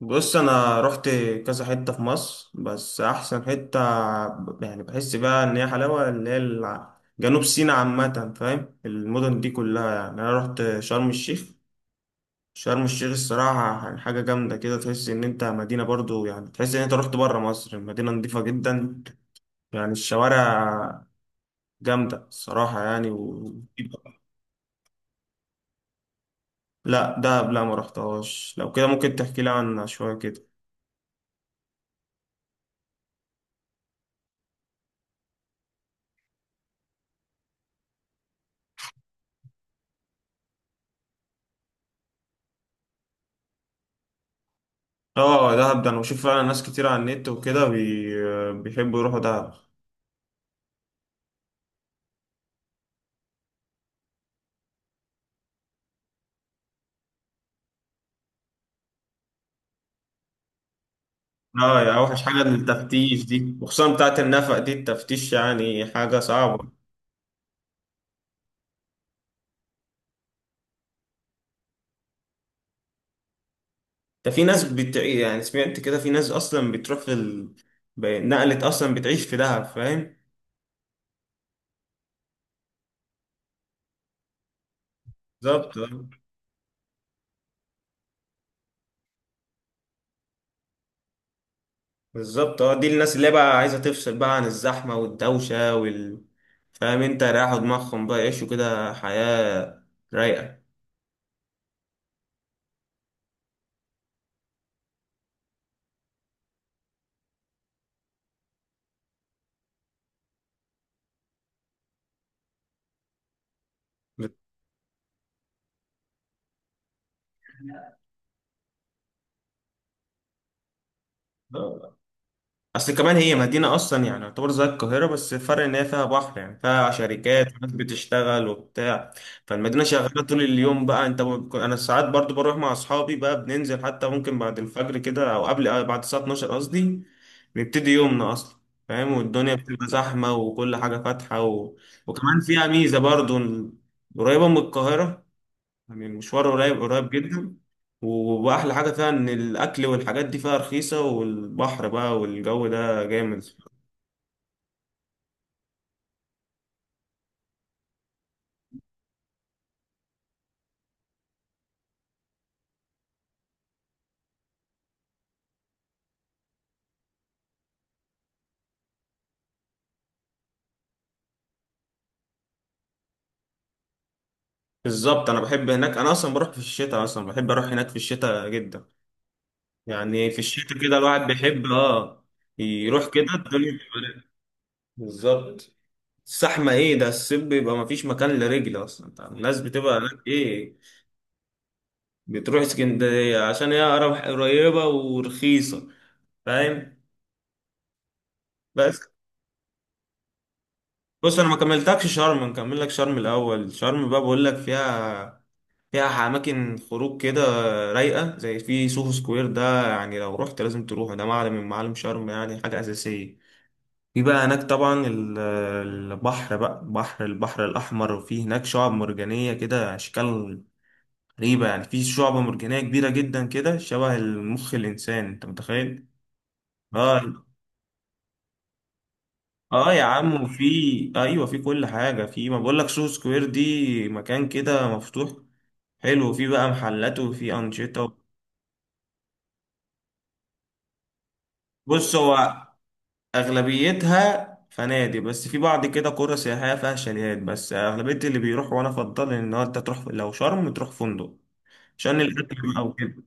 بص انا رحت كذا حته في مصر بس احسن حته يعني بحس بقى ان هي حلاوه اللي هي جنوب سيناء عامه، فاهم؟ المدن دي كلها يعني انا رحت شرم الشيخ. شرم الشيخ الصراحه يعني حاجه جامده كده، تحس ان انت مدينه برضو، يعني تحس ان انت رحت بره مصر. المدينه نظيفه جدا، يعني الشوارع جامده الصراحه يعني لا ده، لا ما رحتهاش. لو كده ممكن تحكي لي عنها شويه كده. اه دهب ده انا بشوف فعلا ناس كتير على النت وكده بيحبوا يروحوا دهب. اه، يا اوحش حاجه التفتيش دي، وخصوصا بتاعت النفق دي، التفتيش يعني حاجه صعبه. ده في ناس يعني سمعت كده في ناس اصلا بتروح في نقلت اصلا بتعيش في دهب، فاهم؟ بالظبط آه. بالظبط، اه دي الناس اللي بقى عايزه تفصل بقى عن الزحمه والدوشه وال، فاهم انت؟ رايحوا دماغهم بقى يعيشوا كده حياه رايقه. اصل كمان هي مدينة اصلا يعني، يعتبر زي القاهرة بس الفرق ان هي فيها بحر، يعني فيها شركات وناس بتشتغل وبتاع. فالمدينة شغالة طول اليوم، بقى انت انا ساعات برضو بروح مع اصحابي، بقى بننزل حتى ممكن بعد الفجر كده او قبل، بعد الساعة 12 قصدي. بيبتدي يومنا اصلا، فاهم؟ والدنيا بتبقى زحمة وكل حاجة فاتحة وكمان فيها ميزة برضو إن قريبة من القاهرة، يعني المشوار قريب جدا. واحلى حاجه فيها ان الاكل والحاجات دي فيها رخيصه، والبحر بقى والجو ده جامد. بالظبط، انا بحب هناك، انا اصلا بروح في الشتاء. اصلا بحب اروح هناك في الشتاء جدا، يعني في الشتاء كده الواحد بيحب. اه يروح كده، الدنيا بتبقى رايقة. بالظبط. الزحمه ايه ده! الصيف بيبقى مفيش مكان لرجل اصلا، انت عارف، الناس بتبقى هناك ايه. بتروح اسكندريه عشان هي قريبه ورخيصه، فاهم؟ بس بص، انا ما كملتكش شرم، نكمل لك شرم الاول. شرم بقى بقول لك فيها، فيها اماكن خروج كده رايقه، زي في سوهو سكوير ده، يعني لو رحت لازم تروحه، ده معلم من معالم شرم يعني حاجه اساسيه. في بقى هناك طبعا البحر بقى، بحر البحر الاحمر، وفي هناك شعاب مرجانيه كده، اشكال غريبه. يعني في شعبه مرجانيه كبيره جدا كده شبه المخ الانسان، انت متخيل؟ اه. اه يا عم، وفي، ايوه في كل حاجه. في، ما بقول لك سوق سكوير دي، مكان كده مفتوح حلو، في بقى محلات وفي انشطه. بص، هو اغلبيتها فنادق، بس في بعض كده قرى سياحيه فيها شاليهات. بس اغلبيه اللي بيروح، وانا افضل، ان هو انت تروح لو شرم تروح فندق عشان الاكل بقى وكده.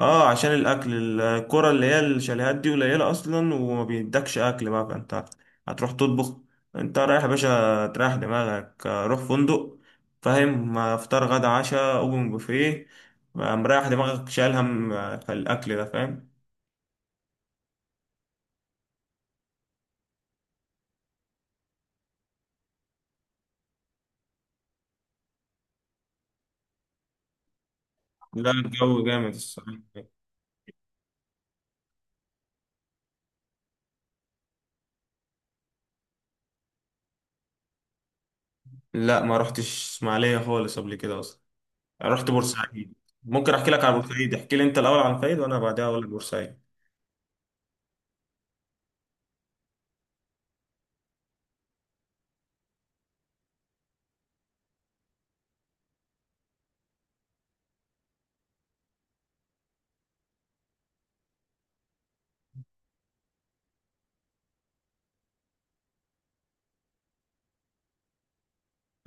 اه عشان الاكل، الكرة اللي هي الشاليهات دي قليلة اصلا، وما بيدكش اكل بقى، فانت هتروح تطبخ. انت رايح يا باشا تريح دماغك، روح فندق، فاهم؟ فطار غدا عشاء اوبن بوفيه، مريح دماغك، شايل هم الاكل ده، فاهم؟ لا الجو جامد الصراحة. لا ما رحتش اسماعيلية خالص قبل كده اصلا، رحت بورسعيد. ممكن احكي لك على بورسعيد، احكي لي انت الاول عن فايد، وانا بعدها اقول لك بورسعيد.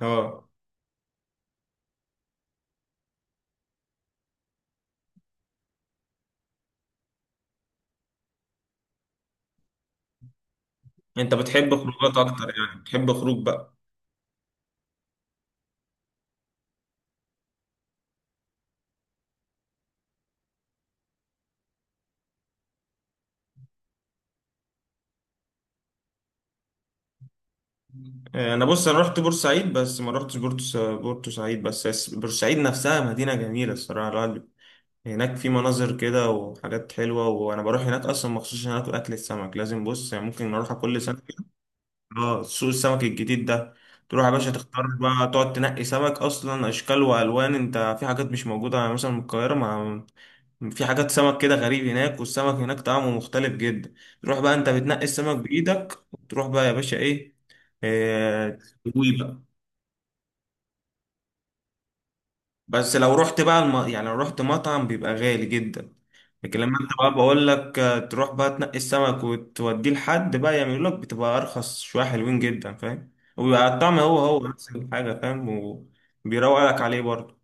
اه، انت بتحب خروجات اكتر، يعني بتحب خروج بقى. انا، بص انا رحت بورسعيد، بس ما رحتش بورتو سعيد بس، بورسعيد نفسها مدينه جميله الصراحه، لا، هناك في مناظر كده وحاجات حلوه، وانا بروح هناك اصلا مخصوص عشان اكل، اكل السمك لازم. بص يعني ممكن اروح كل سنه كده. اه، سوق السمك الجديد ده، تروح يا باشا تختار بقى، تقعد تنقي سمك، اصلا اشكال والوان. انت في حاجات مش موجوده يعني مثلا من القاهره. ما في حاجات سمك كده غريب هناك، والسمك هناك طعمه مختلف جدا. تروح بقى انت بتنقي السمك بايدك، وتروح بقى يا باشا ايه، إيه، تسويه بقى. بس لو رحت بقى يعني لو رحت مطعم بيبقى غالي جدا، لكن لما انت بقى بقول لك تروح بقى تنقي السمك وتوديه لحد بقى يعمل لك، بتبقى ارخص شويه، حلوين جدا فاهم، وبيبقى الطعم هو نفس الحاجه، فاهم؟ وبيروق لك عليه برضه.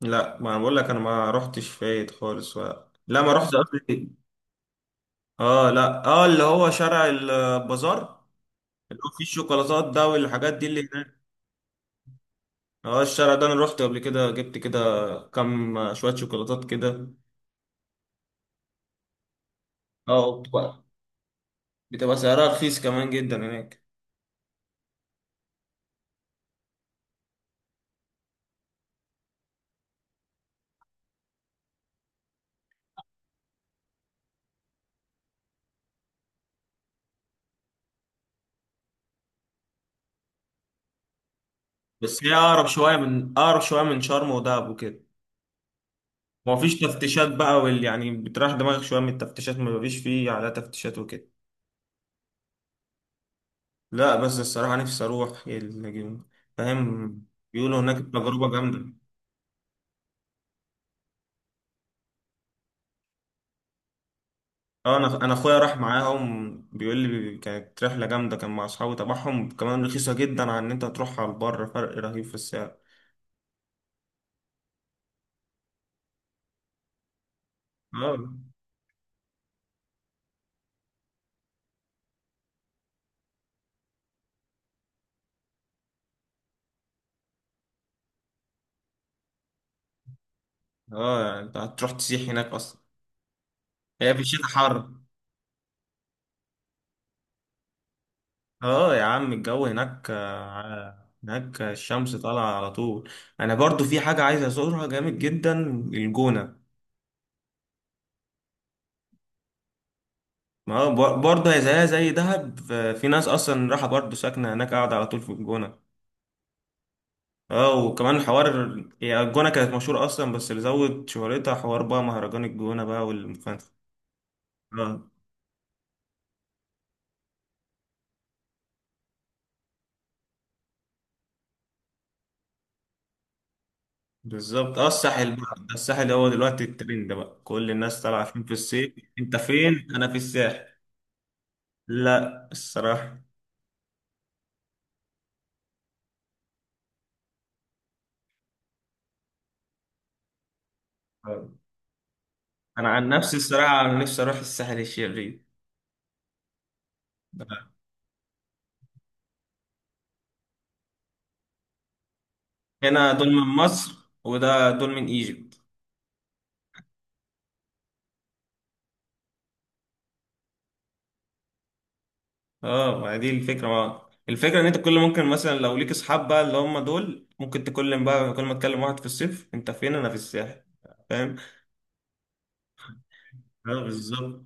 لا، ما انا بقول لك، انا ما رحتش فايت خالص ولا. لا ما رحتش قصدي، إيه؟ اه، لا اه، اللي هو شارع البازار، اللي هو فيه الشوكولاتات ده والحاجات دي اللي هناك. اه الشارع ده انا رحت قبل كده، جبت كده كام شويه شوكولاتات كده. اه بتبقى سعرها رخيص كمان جدا هناك. بس هي اقرب شويه من، شرم ودهب وكده، ما فيش تفتيشات بقى وال، يعني بتريح دماغك شويه من التفتيشات، ما فيش على تفتيشات وكده. لا بس الصراحه نفسي اروح فاهم؟ بيقولوا هناك تجربه جامده. اه، انا اخويا راح معاهم، بيقول لي كانت رحله جامده، كان مع اصحابه تبعهم، كمان رخيصه جدا عن ان انت تروح على البر، فرق رهيب في السعر. اه. اه، يعني انت هتروح تسيح هناك اصلا. هي في الشتاء حر. اه يا عم، الجو هناك هناك الشمس طالعة على طول. انا برضو في حاجة عايز ازورها جامد جدا، الجونة. ما هو برضه هي زيها زي دهب في ناس اصلا راحة برضو ساكنة هناك، قاعدة على طول في الجونة. اه، وكمان حوار، هي الجونة كانت مشهورة اصلا، بس اللي زود شهرتها حوار بقى مهرجان الجونة بقى والمخنفة. اه بالظبط، اه الساحل بقى، ده الساحل هو دلوقتي الترند بقى، كل الناس طالعة فين في الصيف، انت فين؟ انا في الساحل. لا الصراحة. انا عن نفسي الصراحه، انا نفسي اروح الساحل الشرير. هنا دول من مصر، وده دول من ايجيبت. اه ما دي الفكره، ما الفكره ان انت كل، ممكن مثلا لو ليك اصحاب بقى اللي هم دول، ممكن تكلم بقى، كل ما تكلم واحد في الصيف انت فين؟ انا في الساحل، فاهم؟ اه بالظبط.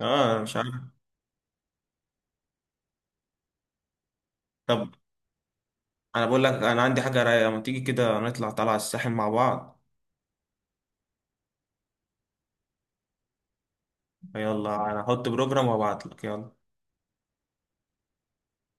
اه أنا مش عارف. طب انا بقول لك، انا عندي حاجه رايقه، ما تيجي كده نطلع طالعه الساحل مع بعض. يلا، انا هحط بروجرام وابعت لك، يلا.